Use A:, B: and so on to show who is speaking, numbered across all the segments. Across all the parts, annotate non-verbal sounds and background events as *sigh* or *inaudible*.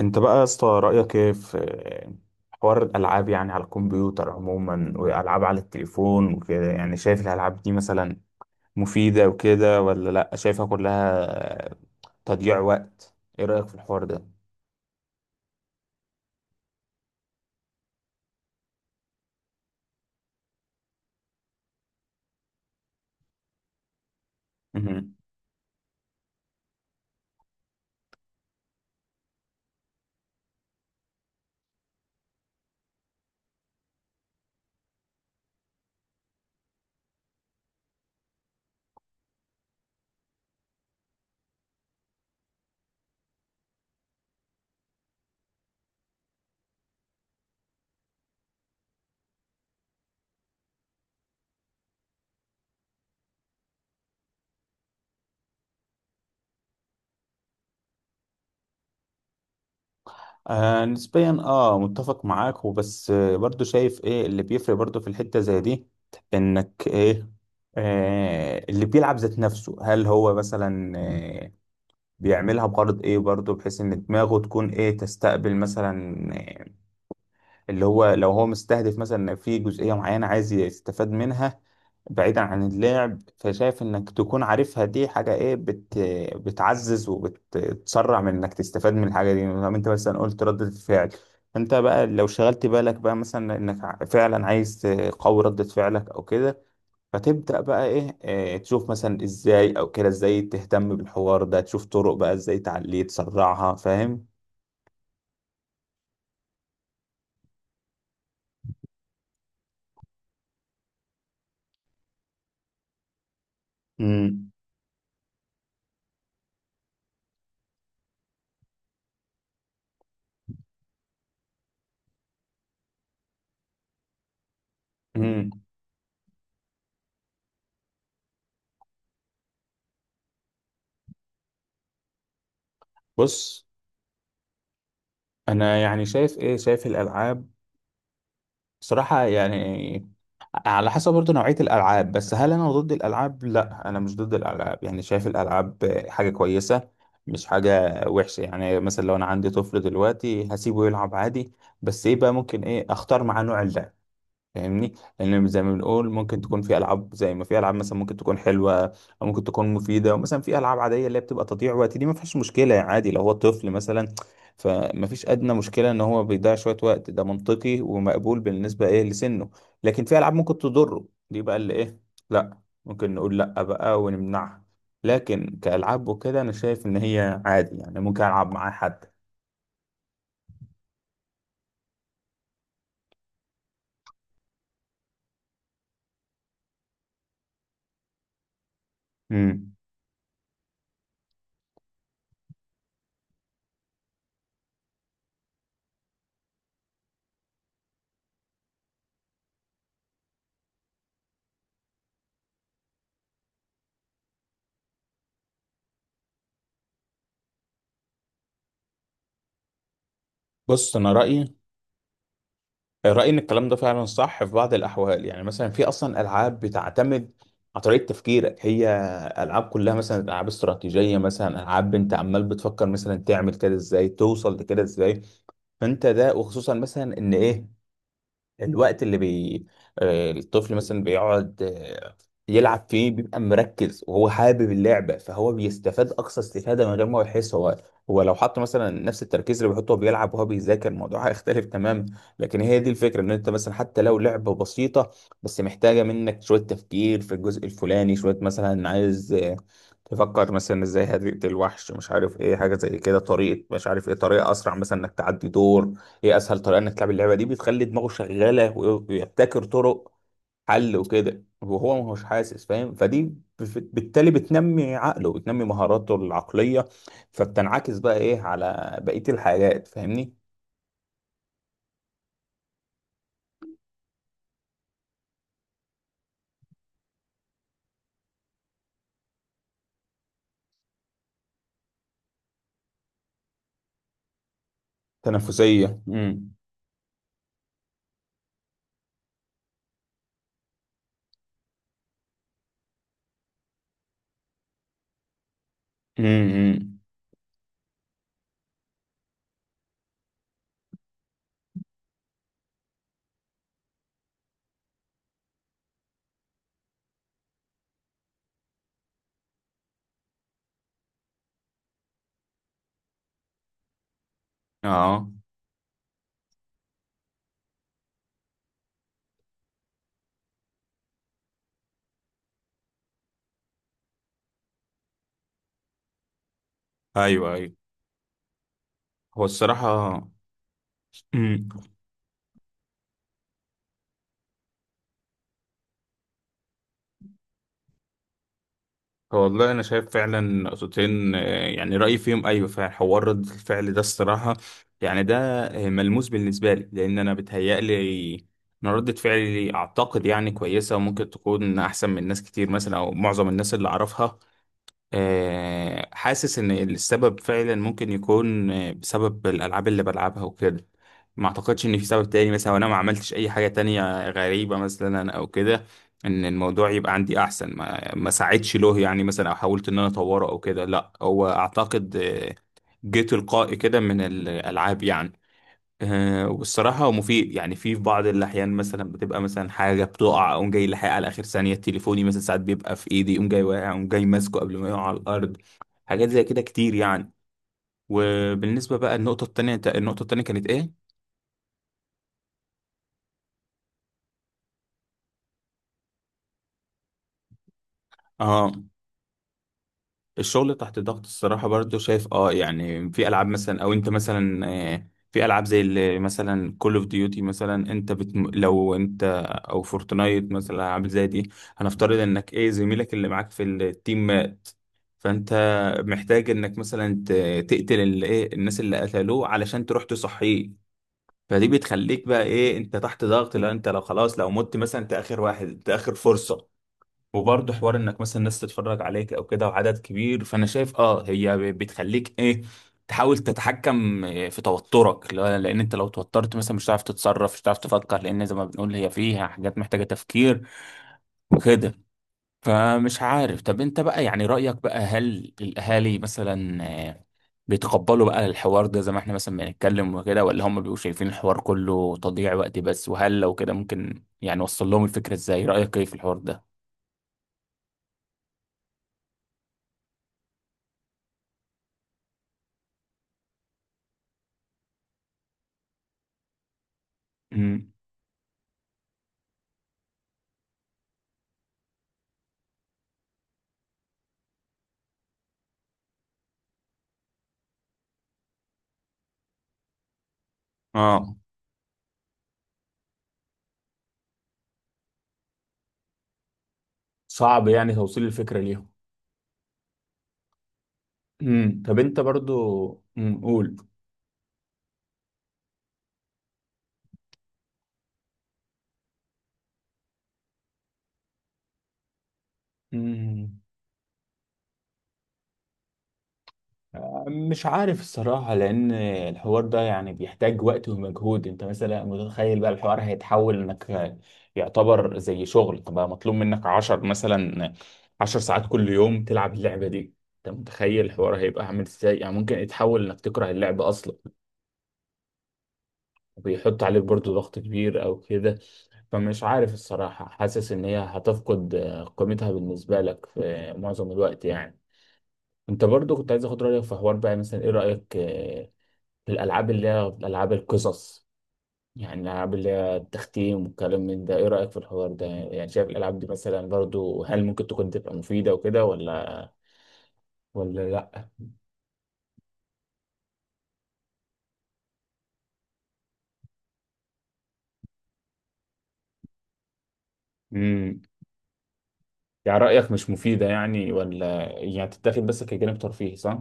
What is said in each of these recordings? A: انت بقى يا اسطى، رأيك ايه في حوار الألعاب؟ يعني على الكمبيوتر عموما، وألعاب على التليفون وكده. يعني شايف الألعاب دي مثلا مفيدة وكده ولا لأ؟ شايفها كلها تضييع وقت؟ ايه رأيك في الحوار ده؟ مهم. نسبيا متفق معاك، وبس برضو شايف ايه اللي بيفرق برضو في الحتة زي دي. انك ايه، اللي بيلعب ذات نفسه هل هو مثلا بيعملها بغرض ايه برضه، بحيث ان دماغه تكون ايه، تستقبل مثلا إيه، اللي هو لو هو مستهدف مثلا إن في جزئية معينة عايز يستفاد منها بعيدا عن اللعب. فشايف انك تكون عارفها دي حاجة ايه، بتعزز وبتسرع من انك تستفاد من الحاجة دي. لما انت مثلا قلت ردة الفعل، انت بقى لو شغلت بالك بقى مثلا انك فعلا عايز تقوي ردة فعلك او كده، فتبدأ بقى إيه، تشوف مثلا إزاي، أو كده إزاي تهتم بالحوار ده، تشوف طرق بقى إزاي تعليه تسرعها، فاهم. امم مم. بص، أنا يعني شايف إيه، شايف الألعاب صراحة يعني على حسب برضه نوعية الألعاب. بس هل أنا ضد الألعاب؟ لا، أنا مش ضد الألعاب. يعني شايف الألعاب حاجة كويسة، مش حاجة وحشة. يعني مثلا لو أنا عندي طفل دلوقتي هسيبه يلعب عادي، بس إيه بقى، ممكن إيه، أختار معاه نوع اللعب، فاهمني. لان زي ما بنقول ممكن تكون في العاب، زي ما في العاب مثلا ممكن تكون حلوه او ممكن تكون مفيده، ومثلا في العاب عاديه اللي هي بتبقى تضييع وقت. دي ما فيهاش مشكله يعني، عادي لو هو طفل مثلا، فما فيش ادنى مشكله ان هو بيضيع شويه وقت. ده منطقي ومقبول بالنسبه ايه لسنه. لكن في العاب ممكن تضره، دي بقى اللي ايه، لا، ممكن نقول لا بقى ونمنعها. لكن كالعاب وكده انا شايف ان هي عادي، يعني ممكن العب معاه حد. امم. بص، انا رايي، رأيي إن الكلام ده فعلا صح في بعض الأحوال. يعني مثلا في أصلا ألعاب بتعتمد على طريقة تفكيرك، هي ألعاب كلها مثلا ألعاب استراتيجية، مثلا ألعاب أنت عمال بتفكر مثلا تعمل كده إزاي، توصل لكده إزاي. فأنت ده، وخصوصا مثلا إن إيه الوقت اللي الطفل مثلا بيقعد، يلعب فيه، بيبقى مركز وهو حابب اللعبة، فهو بيستفاد أقصى استفادة من غير ما هو يحس. هو هو لو حط مثلا نفس التركيز اللي بيحطه وهو بيلعب وهو بيذاكر الموضوع، *laughs* هيختلف تماما. لكن هي دي الفكرة، إن أنت مثلا حتى لو لعبة بسيطة بس محتاجة منك شوية تفكير في الجزء الفلاني، شوية مثلا عايز تفكر مثلا ازاي هتقتل الوحش، مش عارف ايه، حاجة زي كده، طريقة مش عارف ايه، طريقة أسرع مثلا إنك تعدي دور. هي اسهل طريقه انك تلعب اللعبه دي، بتخلي دماغه شغاله ويبتكر طرق حل وكده وهو ما هوش حاسس، فاهم. فدي بالتالي بتنمي عقله، بتنمي مهاراته العقليه، فبتنعكس بقى ايه على بقيه الحاجات، فاهمني. تنافسيه، امم. امم، اه، ايوه ايوه. هو الصراحه مم. هو والله انا شايف فعلا نقطتين، يعني رايي فيهم ايوه فعلا. حوار رد الفعل ده الصراحه، يعني ده ملموس بالنسبه لي، لان انا بتهيألي ان ردة فعلي اعتقد يعني كويسه، وممكن تكون احسن من ناس كتير مثلا، او معظم الناس اللي اعرفها. حاسس ان السبب فعلا ممكن يكون بسبب الالعاب اللي بلعبها وكده. ما اعتقدش ان في سبب تاني مثلا، وانا ما عملتش اي حاجة تانية غريبة مثلا او كده ان الموضوع يبقى عندي احسن. ما ساعدش له يعني مثلا، او حاولت ان انا اطوره او كده. لا، هو اعتقد جه تلقائي كده من الالعاب يعني. والصراحة هو مفيد يعني. في بعض الأحيان مثلا بتبقى مثلا حاجة بتقع، أقوم جاي لاحقها على آخر ثانية. تليفوني مثلا، ساعات بيبقى في إيدي، أقوم جاي واقع، أقوم جاي ماسكه قبل ما يقع على الأرض. حاجات زي كده كتير يعني. وبالنسبة بقى النقطة التانية، النقطة التانية كانت إيه؟ آه، الشغل تحت الضغط الصراحة برضو شايف اه، يعني في ألعاب مثلا، أو أنت مثلا في ألعاب زي اللي مثلا كول اوف ديوتي مثلا. أنت بت... لو أنت، أو فورتنايت مثلا، ألعاب زي دي. هنفترض إنك إيه، زميلك اللي معاك في التيم مات، فأنت محتاج إنك مثلا ت... تقتل اللي إيه، الناس اللي قتلوه علشان تروح تصحيه. فدي بتخليك بقى إيه، أنت تحت ضغط. لو أنت، لو خلاص لو مت مثلا، أنت آخر واحد، أنت آخر فرصة. وبرضه حوار انك مثلا الناس تتفرج عليك او كده، وعدد كبير، فانا شايف اه هي بتخليك ايه، تحاول تتحكم إيه في توترك. لان انت لو توترت مثلا مش هتعرف تتصرف، مش هتعرف تفكر، لان زي ما بنقول هي فيها حاجات محتاجة تفكير وكده. فمش عارف، طب انت بقى يعني رأيك بقى، هل الاهالي مثلا آه، بيتقبلوا بقى الحوار ده زي ما احنا مثلا بنتكلم وكده، ولا هم بيبقوا شايفين الحوار كله تضييع وقت بس؟ وهل لو كده، ممكن يعني وصل لهم الفكرة ازاي؟ رأيك ايه في الحوار ده؟ امم، اه. صعب يعني توصيل الفكرة ليهم. امم. طب انت برضو. امم، قول. امم، مش عارف الصراحة، لأن الحوار ده يعني بيحتاج وقت ومجهود. انت مثلا متخيل بقى الحوار هيتحول انك يعتبر زي شغل بقى مطلوب منك عشر مثلا، عشر ساعات كل يوم تلعب اللعبة دي. انت متخيل الحوار هيبقى عامل ازاي؟ يعني ممكن يتحول انك تكره اللعبة أصلا، بيحط عليك برضو ضغط كبير او كده. فمش عارف الصراحة، حاسس ان هي هتفقد قيمتها بالنسبة لك في معظم الوقت يعني. انت برضو كنت عايز اخد رأيك في حوار بقى مثلا، ايه رأيك في الالعاب اللي هي العاب القصص؟ يعني الالعاب اللي هي التختيم والكلام من ده، ايه رأيك في الحوار ده؟ يعني شايف الالعاب دي مثلا برضو هل ممكن تكون تبقى مفيدة وكده ولا، ولا لا؟ امم. يعني رأيك مش مفيدة يعني، ولا يعني تتاخد بس كجانب ترفيهي، صح؟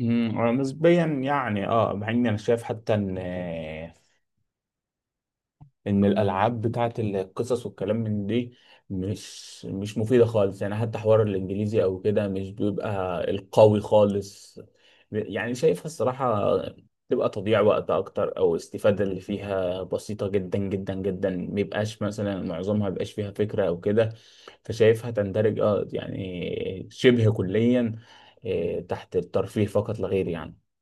A: امم، أنا نسبيا يعني اه، مع اني انا شايف حتى ان ان الالعاب بتاعت القصص والكلام من دي مش مفيده خالص يعني. حتى حوار الانجليزي او كده مش بيبقى القوي خالص يعني. شايفها الصراحه تبقى تضييع وقت اكتر، او استفاده اللي فيها بسيطه جدا جدا جدا. ميبقاش مثلا معظمها ميبقاش فيها فكره او كده. فشايفها تندرج اه يعني شبه كليا تحت الترفيه فقط لا غير يعني.